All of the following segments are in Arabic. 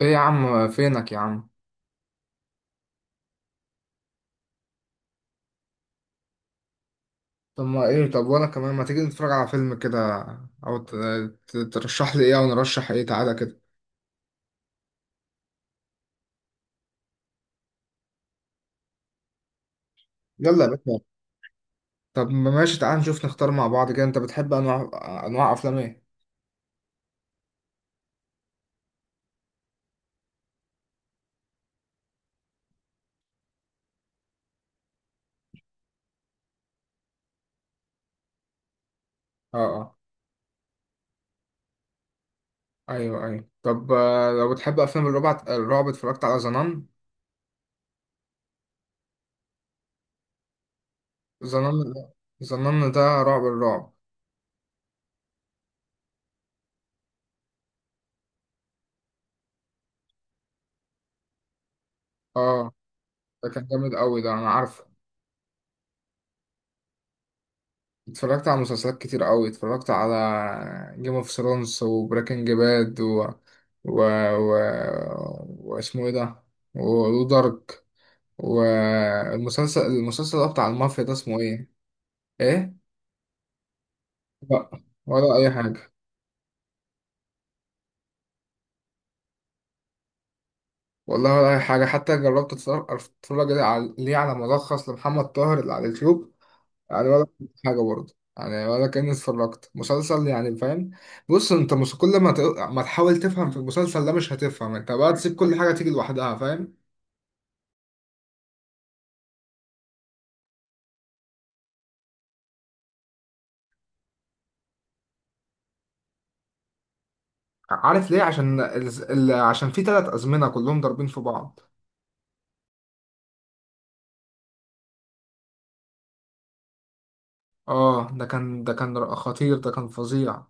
ايه يا عم، فينك يا عم؟ طب ما ايه، طب وانا كمان، ما تيجي نتفرج على فيلم كده؟ او ترشح لي ايه، او نرشح ايه؟ تعالى كده. يلا يا باشا. طب ما ماشي، تعالى نشوف نختار مع بعض كده. انت بتحب انواع افلام ايه؟ اه اه. ايوه ايوه، طب لو بتحب افلام الرعب، اتفرجت على زنان؟ زنان، زنان ده الرعب. اه، ده كان جامد قوي ده، انا عارفه. اتفرجت على مسلسلات كتير قوي، اتفرجت على جيم اوف ثرونز وبريكنج باد و... و واسمه ايه ده، ودارك، والمسلسل المسلسل ده بتاع المافيا ده اسمه ايه؟ ايه؟ لا، ولا اي حاجه. والله ولا اي حاجه، حتى جربت اتفرج اتفرج على- ليه على ملخص لمحمد طاهر اللي على اليوتيوب، يعني ولا حاجة برضه، يعني ولا كأني اتفرجت مسلسل، يعني فاهم. بص انت مس- كل ما ت... ما تحاول تفهم في المسلسل ده، مش هتفهم. انت بقى تسيب كل حاجة تيجي لوحدها، فاهم. عارف ليه؟ عشان عشان في ثلاث أزمنة كلهم ضاربين في بعض. اه ده كان خطير، ده كان فظيع.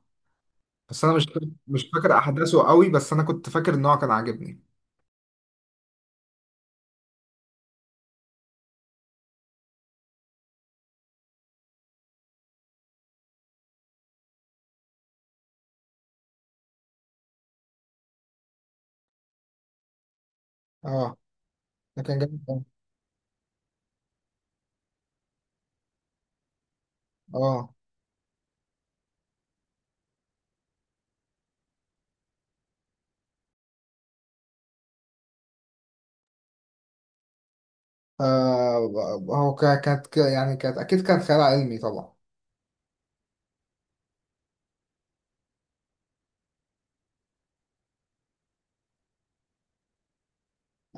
بس انا مش فاكر احداثه قوي، بس انا كنت فاكر ان هو كان عاجبني. اه ده كان جامد أوي. اه، آه، هو يعني كانت اكيد كانت خيال علمي طبعا.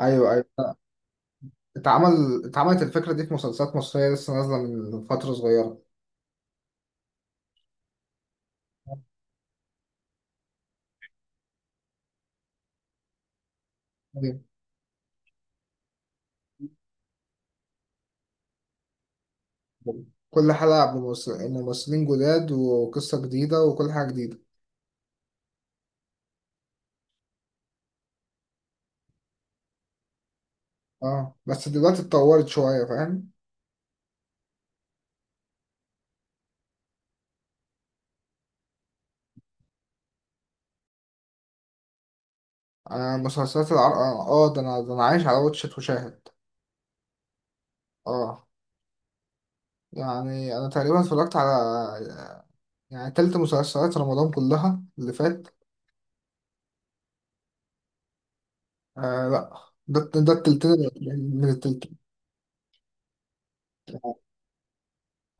ايوه ايوه. اتعملت الفكرة دي في مسلسلات مصرية لسه نازلة من فترة صغيرة. كل حلقة بممثلين جداد وقصة جديدة وكل حاجة جديدة. اه، بس دلوقتي اتطورت شوية، فاهم. آه، مسلسلات العرب، اه، ده انا، عايش على واتشت وشاهد. اه، يعني انا تقريبا اتفرجت على، يعني تلت مسلسلات رمضان كلها اللي فات. آه لا، ده التلتين، من التلتين.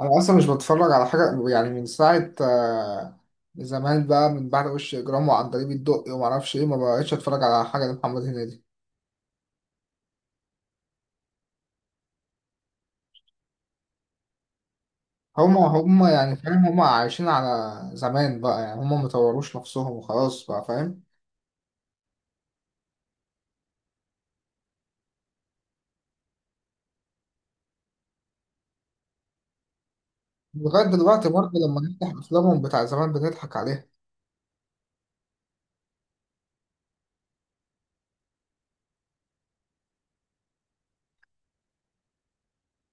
انا اصلا مش بتفرج على حاجه يعني من ساعه، زمان بقى، من بعد وش اجرام وعن طريق الدقي وما اعرفش ايه، ما بقتش اتفرج على حاجه لمحمد هنيدي. هما يعني فاهم، هما عايشين على زمان بقى، يعني هما مطوروش نفسهم وخلاص بقى، فاهم. لغايه دلوقتي برضه، لما نفتح افلامهم بتاع زمان بنضحك عليها.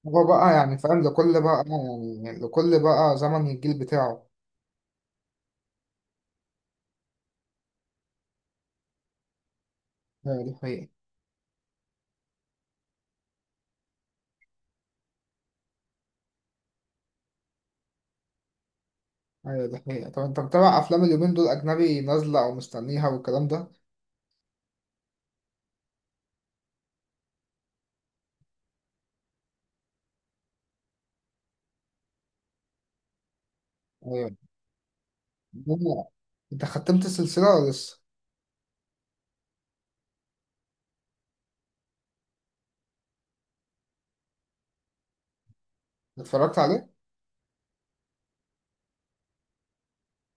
هو بقى يعني فاهم، لكل بقى، يعني لكل بقى زمن الجيل بتاعه. ايوه دي حقيقة. ايوه دي حقيقة. طب انت متابع افلام اليومين دول، اجنبي نازلة او مستنيها والكلام ده؟ أيوة. هو- انت ختمت السلسلة ولا لسه؟ اتفرجت عليه؟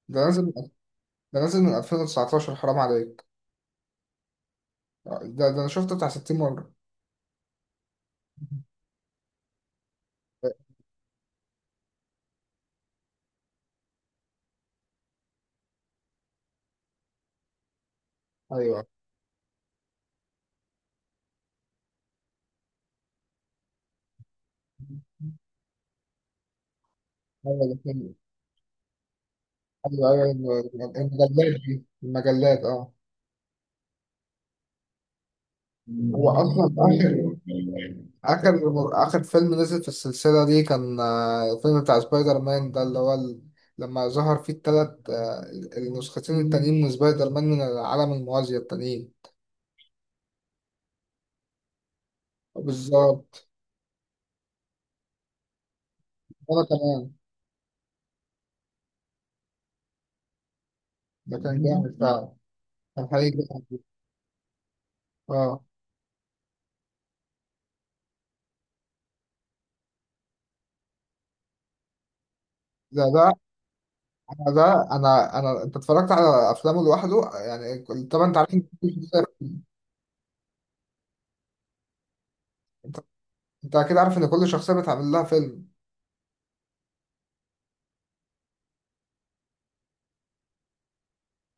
ده نازل من- ده نازل من 2019، حرام عليك. ده ده انا شفته بتاع 60 مرة. ايوه ايوه، الاتنين. ايوه ايوه، المجلات دي، المجلات، اه. هو اصلا اخر، اخر فيلم نزل في السلسله دي كان، الفيلم بتاع سبايدر مان ده، اللي هو ال، لما ظهر فيه التلات، النسختين التانيين من سبايدر مان من العالم الموازي التانيين. بالظبط. وانا كمان. ده كان جامد فعلا، الحقيقي جدا. اه. ده ده انا ده انا انا انت اتفرجت على افلامه لوحده يعني طبعا انت عارف إن كل شخصية. انت انت اكيد عارف ان كل شخصيه بتعمل لها فيلم.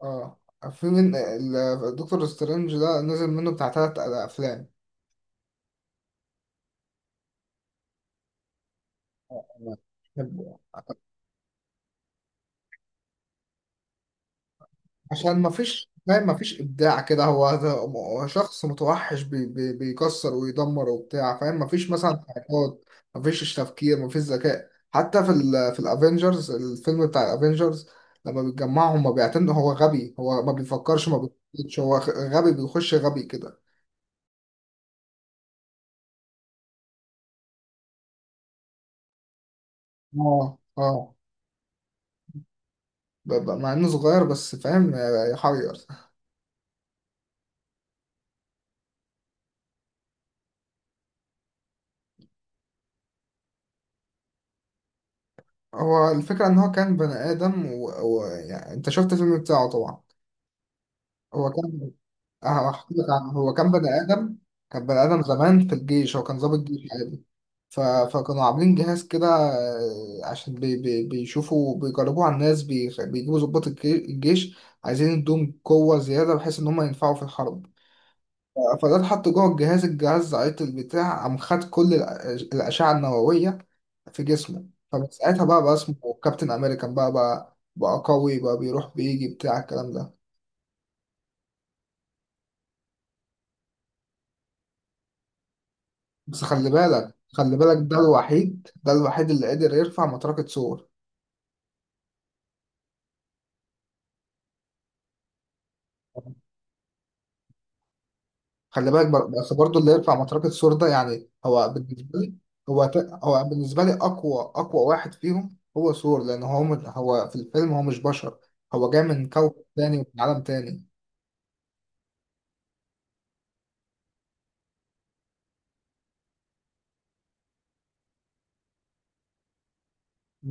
اه، في من الدكتور سترينج ده، نزل منه بتاع ثلاث افلام. عشان ما فيش، فاهم، ما فيش ابداع كده، هو شخص متوحش، بي بي بيكسر ويدمر وبتاع، فاهم، ما فيش مثلا حركات، ما فيش تفكير، ما فيش ذكاء. حتى في ال، في الافينجرز، الفيلم بتاع الافينجرز لما بيتجمعهم ما بيعتمدوا، هو غبي، هو ما بيفكرش، ما بيخش، هو غبي، بيخش غبي كده. اه اه. مع انه صغير بس، فاهم، يحير. هو الفكرة ان هو كان بني ادم و يعني انت شفت الفيلم بتاعه طبعا. هو كان، هحكي لك عنه. هو كان بني آدم، كان بني آدم زمان في الجيش، هو كان ضابط جيش عادي. فكانوا عاملين جهاز كده، عشان بيشوفوا، بيجربوه على الناس، بيجيبوا ضباط الجيش عايزين يدوهم قوة زيادة، بحيث إن هم ينفعوا في الحرب. فده اتحط جوه الجهاز، عيط البتاع، قام خد كل الأشعة النووية في جسمه. فمن ساعتها بقى، اسمه كابتن أمريكان، بقى بقى بقى قوي بقى، بيروح بيجي بتاع الكلام ده. بس خلي بالك، ده الوحيد، ده الوحيد اللي قدر يرفع مطرقة سور. خلي بالك بس برضه اللي يرفع مطرقة سور ده، يعني هو بالنسبة لي، هو ت- هو بالنسبة لي أقوى، أقوى واحد فيهم هو سور، لأن هو، من هو في الفيلم، هو مش بشر، هو جاي من كوكب تاني ومن عالم تاني.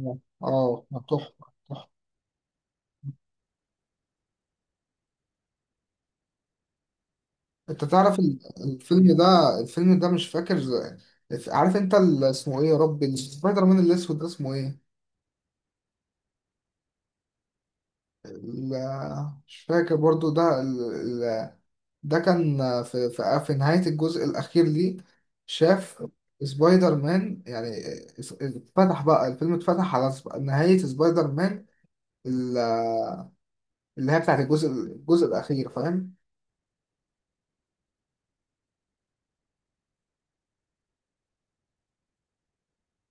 اه تحفة، تحفة. أنت تعرف الفيلم ده، الفيلم ده مش فاكر. عارف أنت اسمه إيه يا ربي، سبايدر مان الأسود ده اسمه إيه؟ لا مش فاكر برضو ال- ده كان، في، نهاية الجزء الأخير ليه، شاف سبايدر مان يعني، اتفتح بقى الفيلم، اتفتح على نهاية سبايدر مان ال- اللي هي بتاعت الجزء الأخير، فاهم؟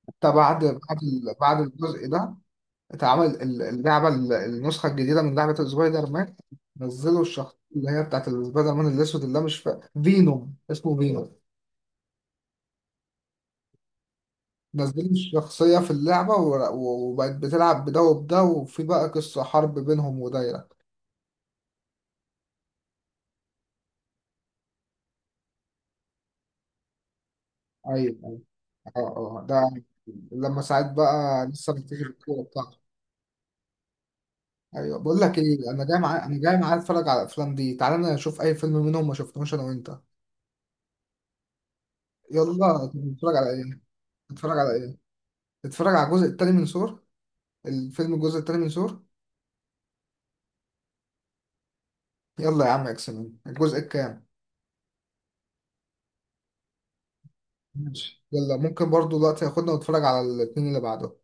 حتى بعد بعد الجزء ده، اتعمل اللعبة النسخة الجديدة من لعبة سبايدر مان. نزلوا الشخصية اللي هي بتاعت سبايدر مان الأسود، اللي هي مش فينوم، اسمه فينوم. نازلين الشخصية في اللعبة و وبقت بتلعب بده وبده، وفي بقى قصة حرب بينهم ودايرة. أيوة أيوة. أه أه، ده لما ساعات بقى لسه بنتجه الكورة بتاعته. أيوة، بقول لك إيه، أنا جاي معايا أتفرج على الأفلام دي، تعالى نشوف أي فيلم منهم ما شفناهوش، أنا وأنت. يلا، نتفرج على إيه؟ نتفرج على إيه؟ نتفرج على الجزء التاني من سور، الجزء التاني من سور. يلا يا عم، إكس مان الجزء الكام؟ ماشي، يلا، ممكن برضو دلوقتي ياخدنا ونتفرج على الاتنين اللي بعده.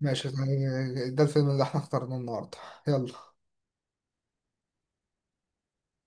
ماشي، يعني ده الفيلم اللي احنا اخترناه النهارده. يلا.